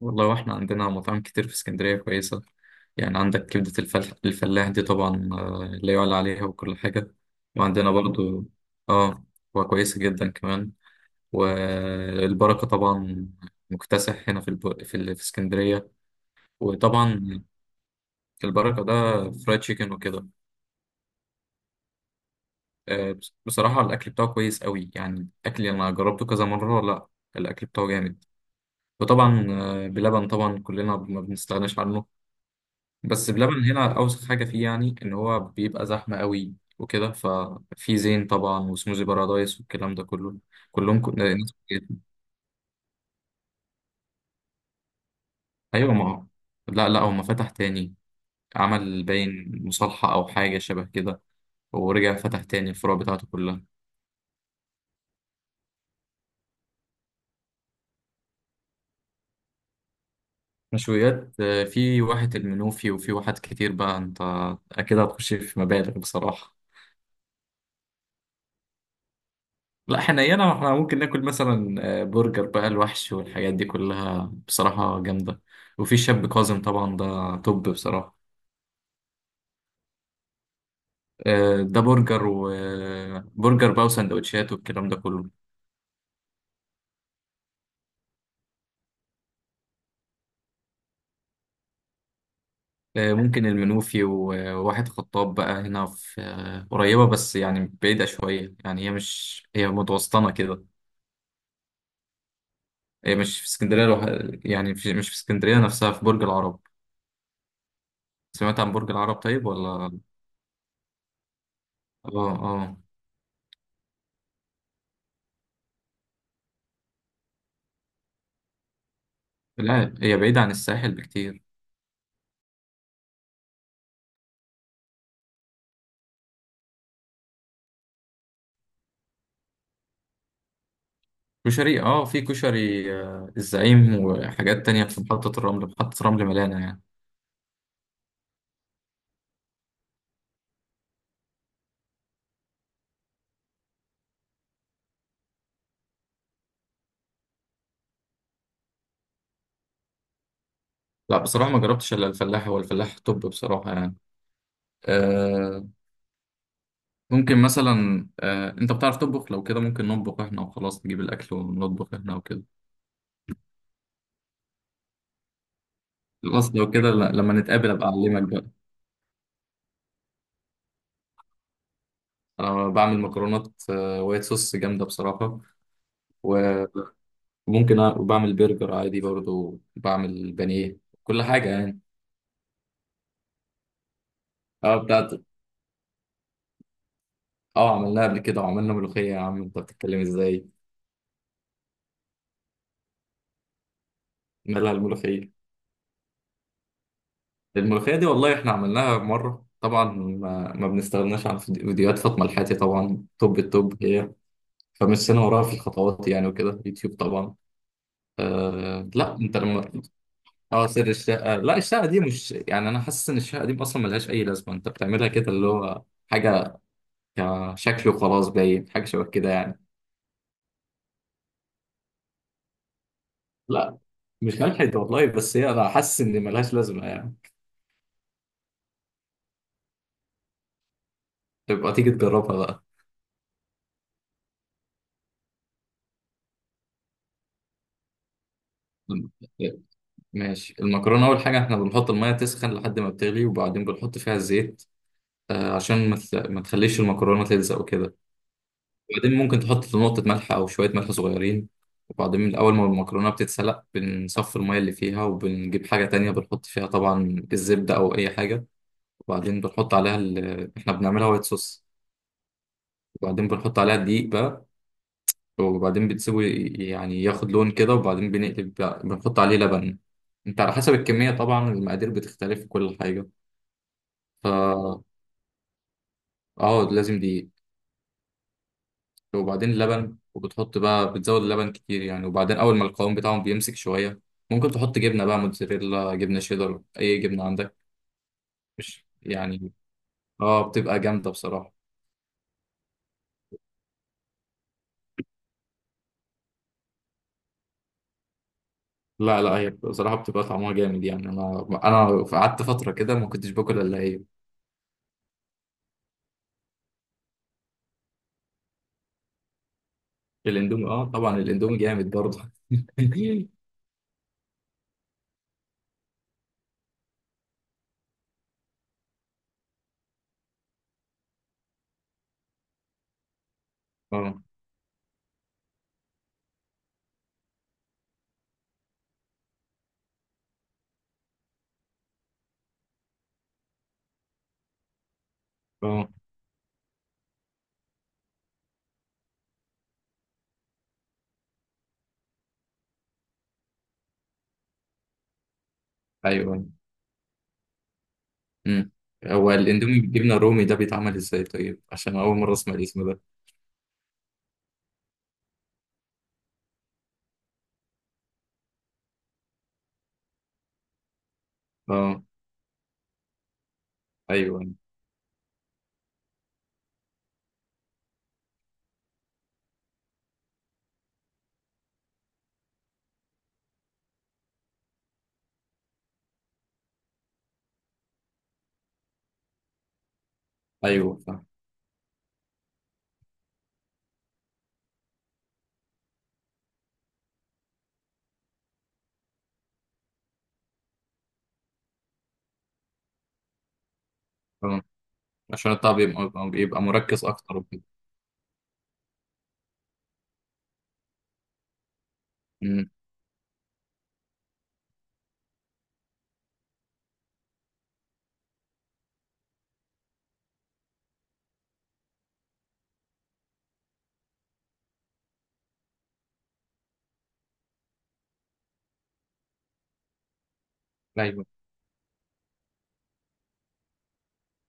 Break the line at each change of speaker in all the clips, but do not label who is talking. والله واحنا عندنا مطاعم كتير في اسكندرية كويسة. يعني عندك كبدة الفلاح، دي طبعا، لا يعلى عليها وكل حاجة. وعندنا جميل برضو، اه وكويسة جدا كمان. والبركة طبعا مكتسح هنا في اسكندرية. وطبعا، البركة ده فرايد تشيكن وكده. بصراحة الأكل بتاعه كويس قوي، يعني أكل أنا جربته كذا مرة. لا، الأكل بتاعه جامد. وطبعا، بلبن طبعا كلنا ما بنستغناش عنه. بس بلبن هنا اوسخ حاجه فيه، يعني ان هو بيبقى زحمه قوي وكده. ففي زين طبعا، وسموزي بارادايس، والكلام ده كله، كلهم ناس كتير. ايوه، ما هو- لا، لا، هو ما فتح تاني. عمل باين مصالحه او حاجه شبه كده، ورجع فتح تاني الفروع بتاعته كلها. مشويات؟ في واحد المنوفي وفي واحد كتير. بقى انت اكيد هتخش في مبالغ بصراحه. لا، احنا هنا احنا ممكن ناكل مثلا برجر بقى الوحش والحاجات دي كلها بصراحة جامدة. وفي شاب كاظم طبعا، ده توب بصراحة. ده برجر وبرجر بقى، وسندوتشات، والكلام ده كله. ممكن المنوفي و- وواحد خطاب، بقى هنا في، قريبة بس يعني بعيدة شوية، يعني هي مش، هي متوسطنة كده. هي مش في اسكندرية لوحدها، يعني مش في اسكندرية نفسها، في برج العرب. سمعت عن برج العرب طيب، ولا؟ اه. اه. لا، هي بعيدة عن الساحل بكتير. كشري؟ اه في كشري الزعيم، وحاجات تانية في محطة الرمل، محطة رمل مليانة يعني. لا، بصراحة ما جربتش إلا الفلاح، هو الفلاح. طب بصراحة يعني، آه ممكن مثلا، أنت بتعرف تطبخ؟ لو كده ممكن نطبخ إحنا وخلاص، نجيب الأكل ونطبخ إحنا وكده. خلاص، لو كده لما نتقابل أبقى أعلمك بقى. أنا بعمل مكرونات وايت صوص جامدة بصراحة. وممكن وبعمل برجر عادي، برضو بعمل بانيه، كل حاجة يعني. اه، بتاعت اه عملناها قبل كده، وعملنا ملوخية. يا عم انت بتتكلم ازاي؟ مالها الملوخية؟ الملوخية دي والله احنا عملناها مرة. طبعا ما بنستغناش عن فيديوهات فاطمة الحاتي، طبعا توب التوب هي. فمشينا وراها في الخطوات يعني، وكده، يوتيوب طبعا. لا، انت لما اه، سر الشقة، لا الشقة دي مش، يعني انا حاسس ان الشقة دي اصلا ملهاش اي لازمة، انت بتعملها كده اللي هو حاجة كشكل وخلاص، باين حاجة شبه كده يعني. لا، مش ملحد والله، بس هي، انا حاسس ان ملهاش لازمة يعني. تبقى تيجي تجربها. بقى ماشي. المكرونة، أول حاجة إحنا بنحط المية تسخن لحد ما بتغلي، وبعدين بنحط فيها الزيت، عشان ما تخليش المكرونة تلزق وكده. وبعدين ممكن تحط نقطة ملح أو شوية ملح صغيرين. وبعدين من أول ما المكرونة بتتسلق، بنصفي المية اللي فيها، وبنجيب حاجة تانية بنحط فيها طبعا الزبدة أو أي حاجة. وبعدين بنحط عليها إحنا بنعملها وايت صوص. وبعدين بنحط عليها الدقيق بقى، وبعدين بتسيبه يعني ياخد لون كده. وبعدين بنحط عليه لبن. انت على حسب الكمية طبعا، المقادير بتختلف في كل حاجة. ف اه لازم دقيق. وبعدين لبن، وبتحط بقى، بتزود اللبن كتير يعني. وبعدين اول ما القوام بتاعهم بيمسك شويه، ممكن تحط جبنه بقى، موتزاريلا، جبنه شيدر، اي جبنه عندك. مش يعني. اه، بتبقى جامده بصراحه. لا، لا، هي بصراحه بتبقى طعمها جامد يعني، انا قعدت فتره كده ما كنتش باكل الا هي. الاندومي؟ اه، طبعا الاندومي جامد برضه. اه. اه. ايوه. امم هو الاندومي بالجبنه الرومي ده بيتعمل ازاي؟ طيب، عشان اول مره اسمع الاسم ده. اه. ايوه. ايوه. فاهم، فاهم. عشان الطبع بيبقى مركز اكتر وكده. امم. ايوه.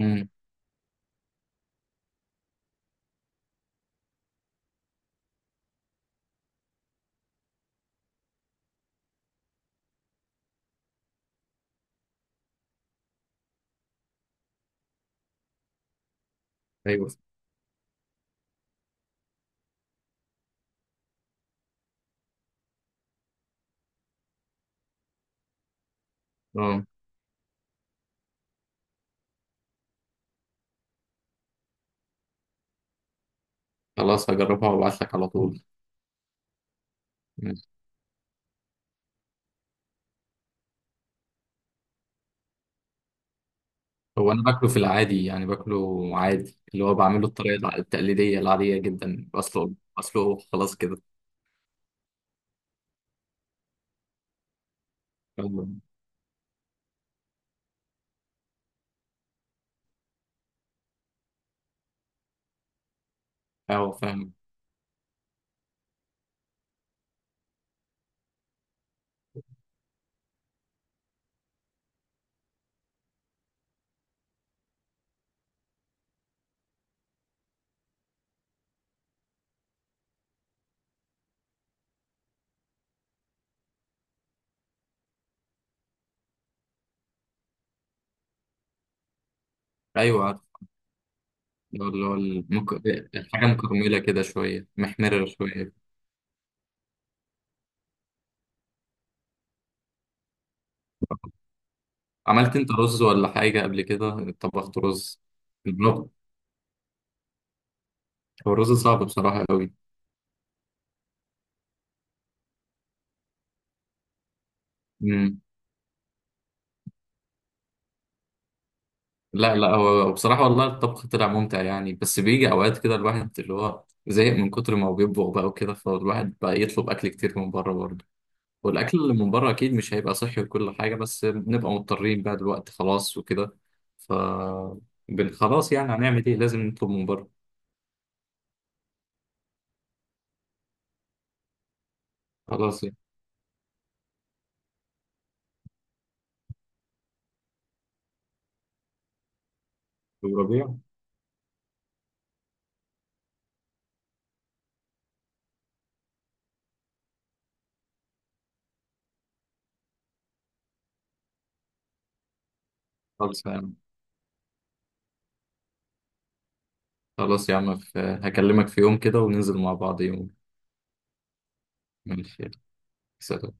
امم. ايوه. اه، خلاص هجربها وابعت لك على طول. ماشي. هو انا باكله في العادي يعني، باكله عادي اللي هو بعمله الطريقه التقليديه العاديه جدا، بسلقه. بسلقه، خلاص كده. فاهم. ايوه، فاهم. ايوه، عارف. اللي هو الحاجه مكرمله كده شويه، محمره شويه. عملت انت رز ولا حاجه قبل كده؟ طبخت رز؟ الرز، هو الرز صعب بصراحه قوي. لا، لا، هو بصراحة والله الطبخ طلع ممتع يعني، بس بيجي أوقات كده الواحد اللي هو زهق من كتر ما هو بيطبخ بقى وكده، فالواحد بقى يطلب أكل كتير من بره برضه. والأكل اللي من بره أكيد مش هيبقى صحي وكل حاجة، بس بنبقى مضطرين بقى دلوقتي، خلاص وكده. ف خلاص يعني، هنعمل إيه؟ لازم نطلب من بره. خلاص يعني. أبو ربيع. خلاص يعني. خلاص يا عم، هكلمك في يوم كده وننزل مع بعض يوم. ماشي يلا. سلام.